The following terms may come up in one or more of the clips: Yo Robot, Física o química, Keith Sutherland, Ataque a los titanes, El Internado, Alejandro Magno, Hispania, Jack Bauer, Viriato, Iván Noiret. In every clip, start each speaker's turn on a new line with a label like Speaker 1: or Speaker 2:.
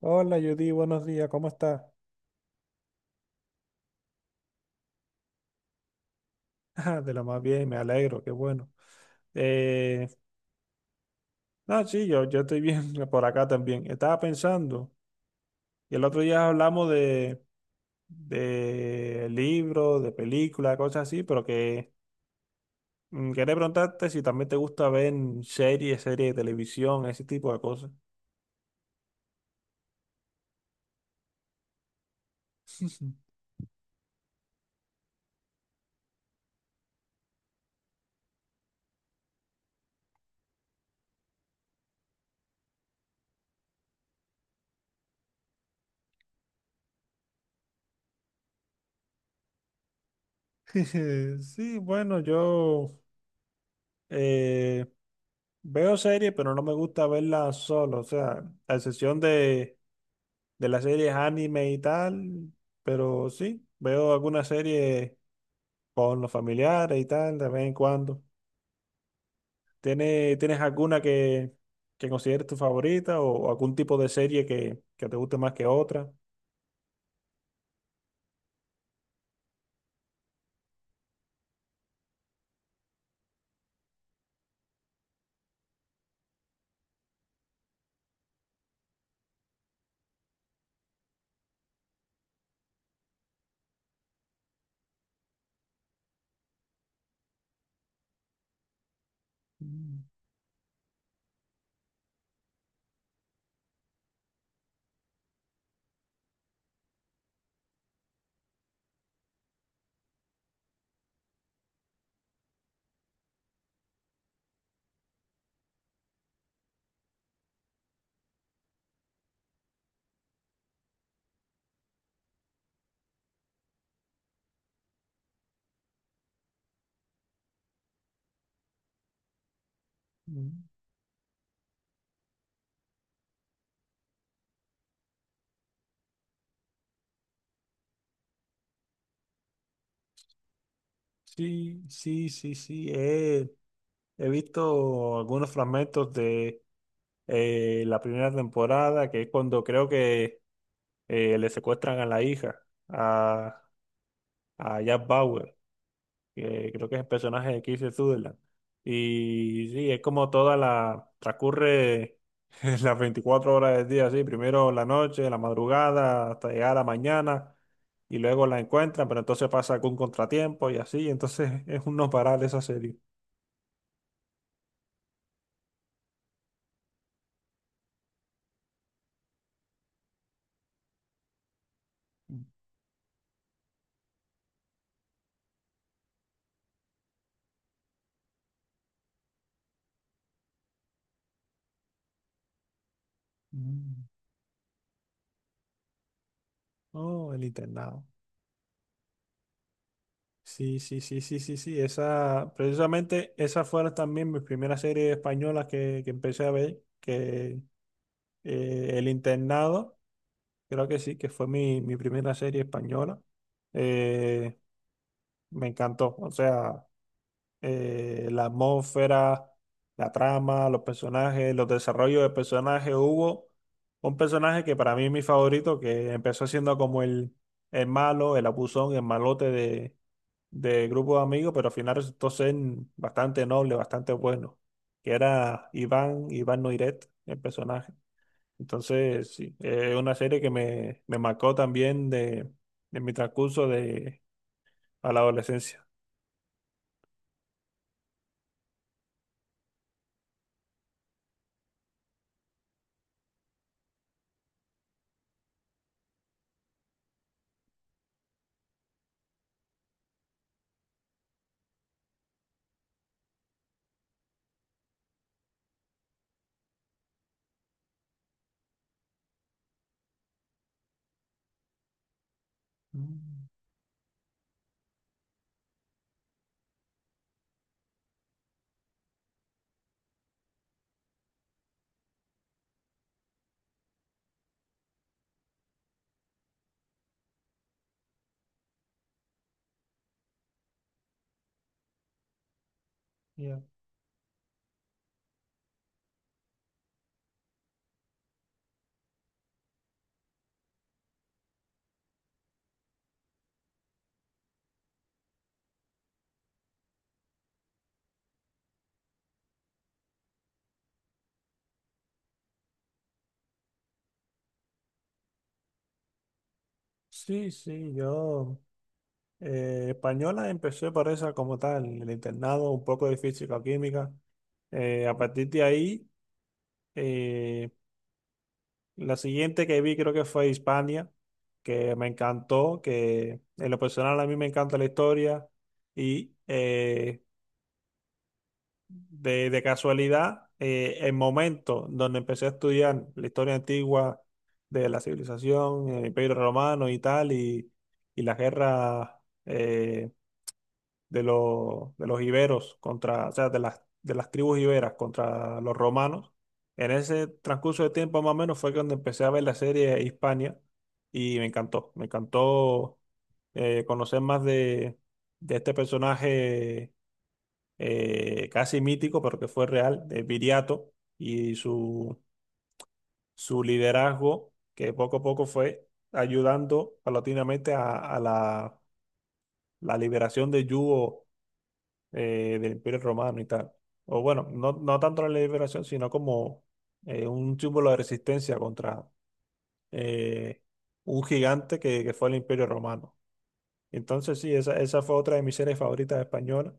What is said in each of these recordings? Speaker 1: Hola Judy, buenos días, ¿cómo estás? De lo más bien, me alegro, qué bueno. Eh, no, sí, yo estoy bien por acá también. Estaba pensando, y el otro día hablamos de libros, de películas, cosas así, pero que quería preguntarte si también te gusta ver series, series de televisión, ese tipo de cosas. Sí, bueno, yo eh, veo series, pero no me gusta verlas solo, o sea, a excepción de las series anime y tal, pero sí, veo algunas series con los familiares y tal, de vez en cuando. ¿Tienes alguna que consideres tu favorita o algún tipo de serie que te guste más que otra? Mm, mm. Sí, sí, sí, sí. He visto algunos fragmentos de la primera temporada, que es cuando creo que le secuestran a la hija, a, a Jack Bauer, que creo que es el personaje de Keith Sutherland. Y sí, es como toda la, transcurre las 24 horas del día, sí, primero la noche, la madrugada, hasta llegar a la mañana, y luego la encuentran, pero entonces pasa algún contratiempo y así, entonces es un no parar esa serie. Mm. Oh, el internado. Sí, sí, sí, sí, sí, sí, esa, precisamente esas fueron también mis primeras series españolas que empecé a ver, que El Internado, creo que sí, que fue mi, mi primera serie española. Eh, Me encantó. O sea, la atmósfera, la trama, los personajes, los desarrollos de personajes. Hubo un personaje que para mí es mi favorito, que empezó siendo como el malo, el abusón, el malote de grupo de amigos, pero al final resultó ser bastante noble, bastante bueno, que era Iván, Iván Noiret, el personaje. Entonces, sí, es una serie que me marcó también de mi transcurso de, a la adolescencia. Mm, ya. Sí, sí, yo española empecé por esa como tal, El Internado, un poco de Física o Química. A partir de ahí, eh, la siguiente que vi creo que fue Hispania, que me encantó, que en lo personal a mí me encanta la historia y de casualidad, el momento donde empecé a estudiar la historia antigua de la civilización, el Imperio Romano y tal, y las guerras eh, de los iberos contra, o sea, de las tribus iberas contra los romanos, en ese transcurso de tiempo más o menos fue cuando empecé a ver la serie Hispania y me encantó conocer más de este personaje casi mítico, pero que fue real, de Viriato y su liderazgo, que poco a poco fue ayudando paulatinamente a la, la liberación de Yugo del Imperio Romano y tal. O bueno, no, no tanto la liberación, sino como un símbolo de resistencia contra eh, un gigante que fue el Imperio Romano. Entonces, sí, esa fue otra de mis series favoritas españolas.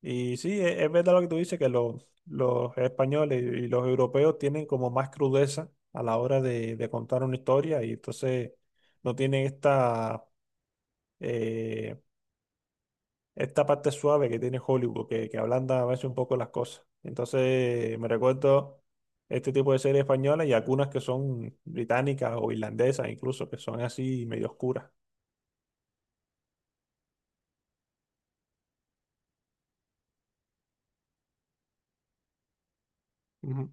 Speaker 1: Y sí, es verdad lo que tú dices, que los españoles y los europeos tienen como más crudeza a la hora de contar una historia y entonces no tienen esta, eh, esta parte suave que tiene Hollywood, que ablanda a veces un poco las cosas. Entonces me recuerdo este tipo de series españolas y algunas que son británicas o irlandesas incluso, que son así medio oscuras. Ujú.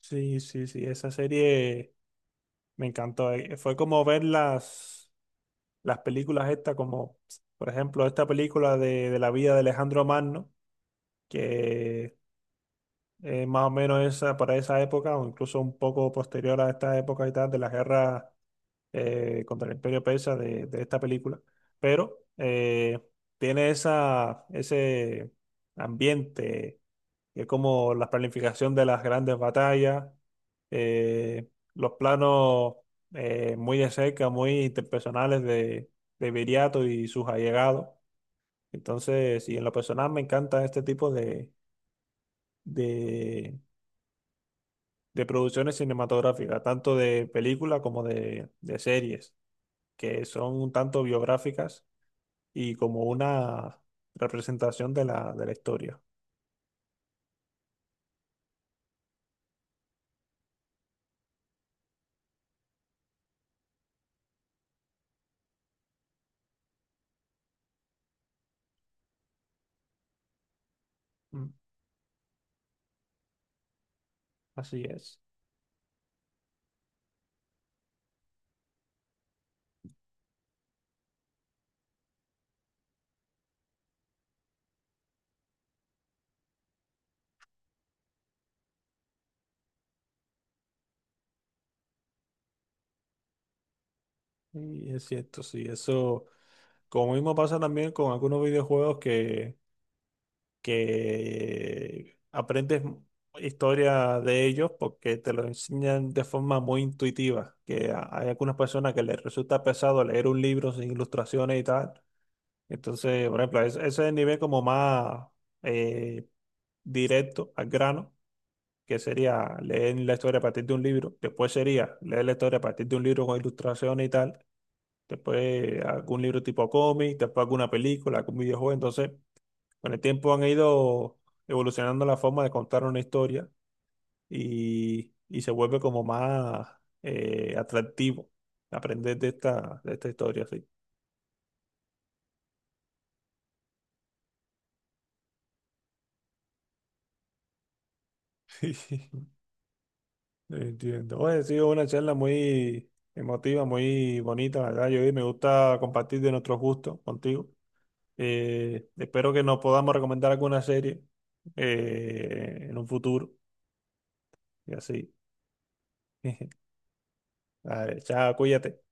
Speaker 1: Sí, sí, sí, esa serie me encantó. Fue como verlas las películas estas, como por ejemplo esta película de la vida de Alejandro Magno, que es más o menos esa, para esa época, o incluso un poco posterior a esta época y tal, de las guerras contra el Imperio Persa de esta película. Pero tiene esa, ese ambiente que es como la planificación de las grandes batallas, los planos muy de cerca, muy interpersonales de Viriato y sus allegados. Entonces, sí, en lo personal me encanta este tipo de, de producciones cinematográficas, tanto de películas como de series, que son un tanto biográficas y como una representación de la historia. Mm, así es. Y es cierto, sí, eso. Como mismo pasa también con algunos videojuegos que aprendes historia de ellos porque te lo enseñan de forma muy intuitiva, hay algunas personas que les resulta pesado leer un libro sin ilustraciones y tal. Entonces, por ejemplo, ese es el nivel como más eh, directo al grano, que sería leer la historia a partir de un libro. Después sería leer la historia a partir de un libro con ilustraciones y tal, después algún libro tipo cómic, después alguna película, algún videojuego. Entonces, con el tiempo han ido evolucionando la forma de contar una historia y se vuelve como más atractivo aprender de esta historia, sí. Entiendo. Oye, ha sido una charla muy emotiva, muy bonita, la verdad. Yo me gusta compartir de nuestros gustos contigo. Espero que nos podamos recomendar alguna serie en un futuro y así. Vale, chao, cuídate.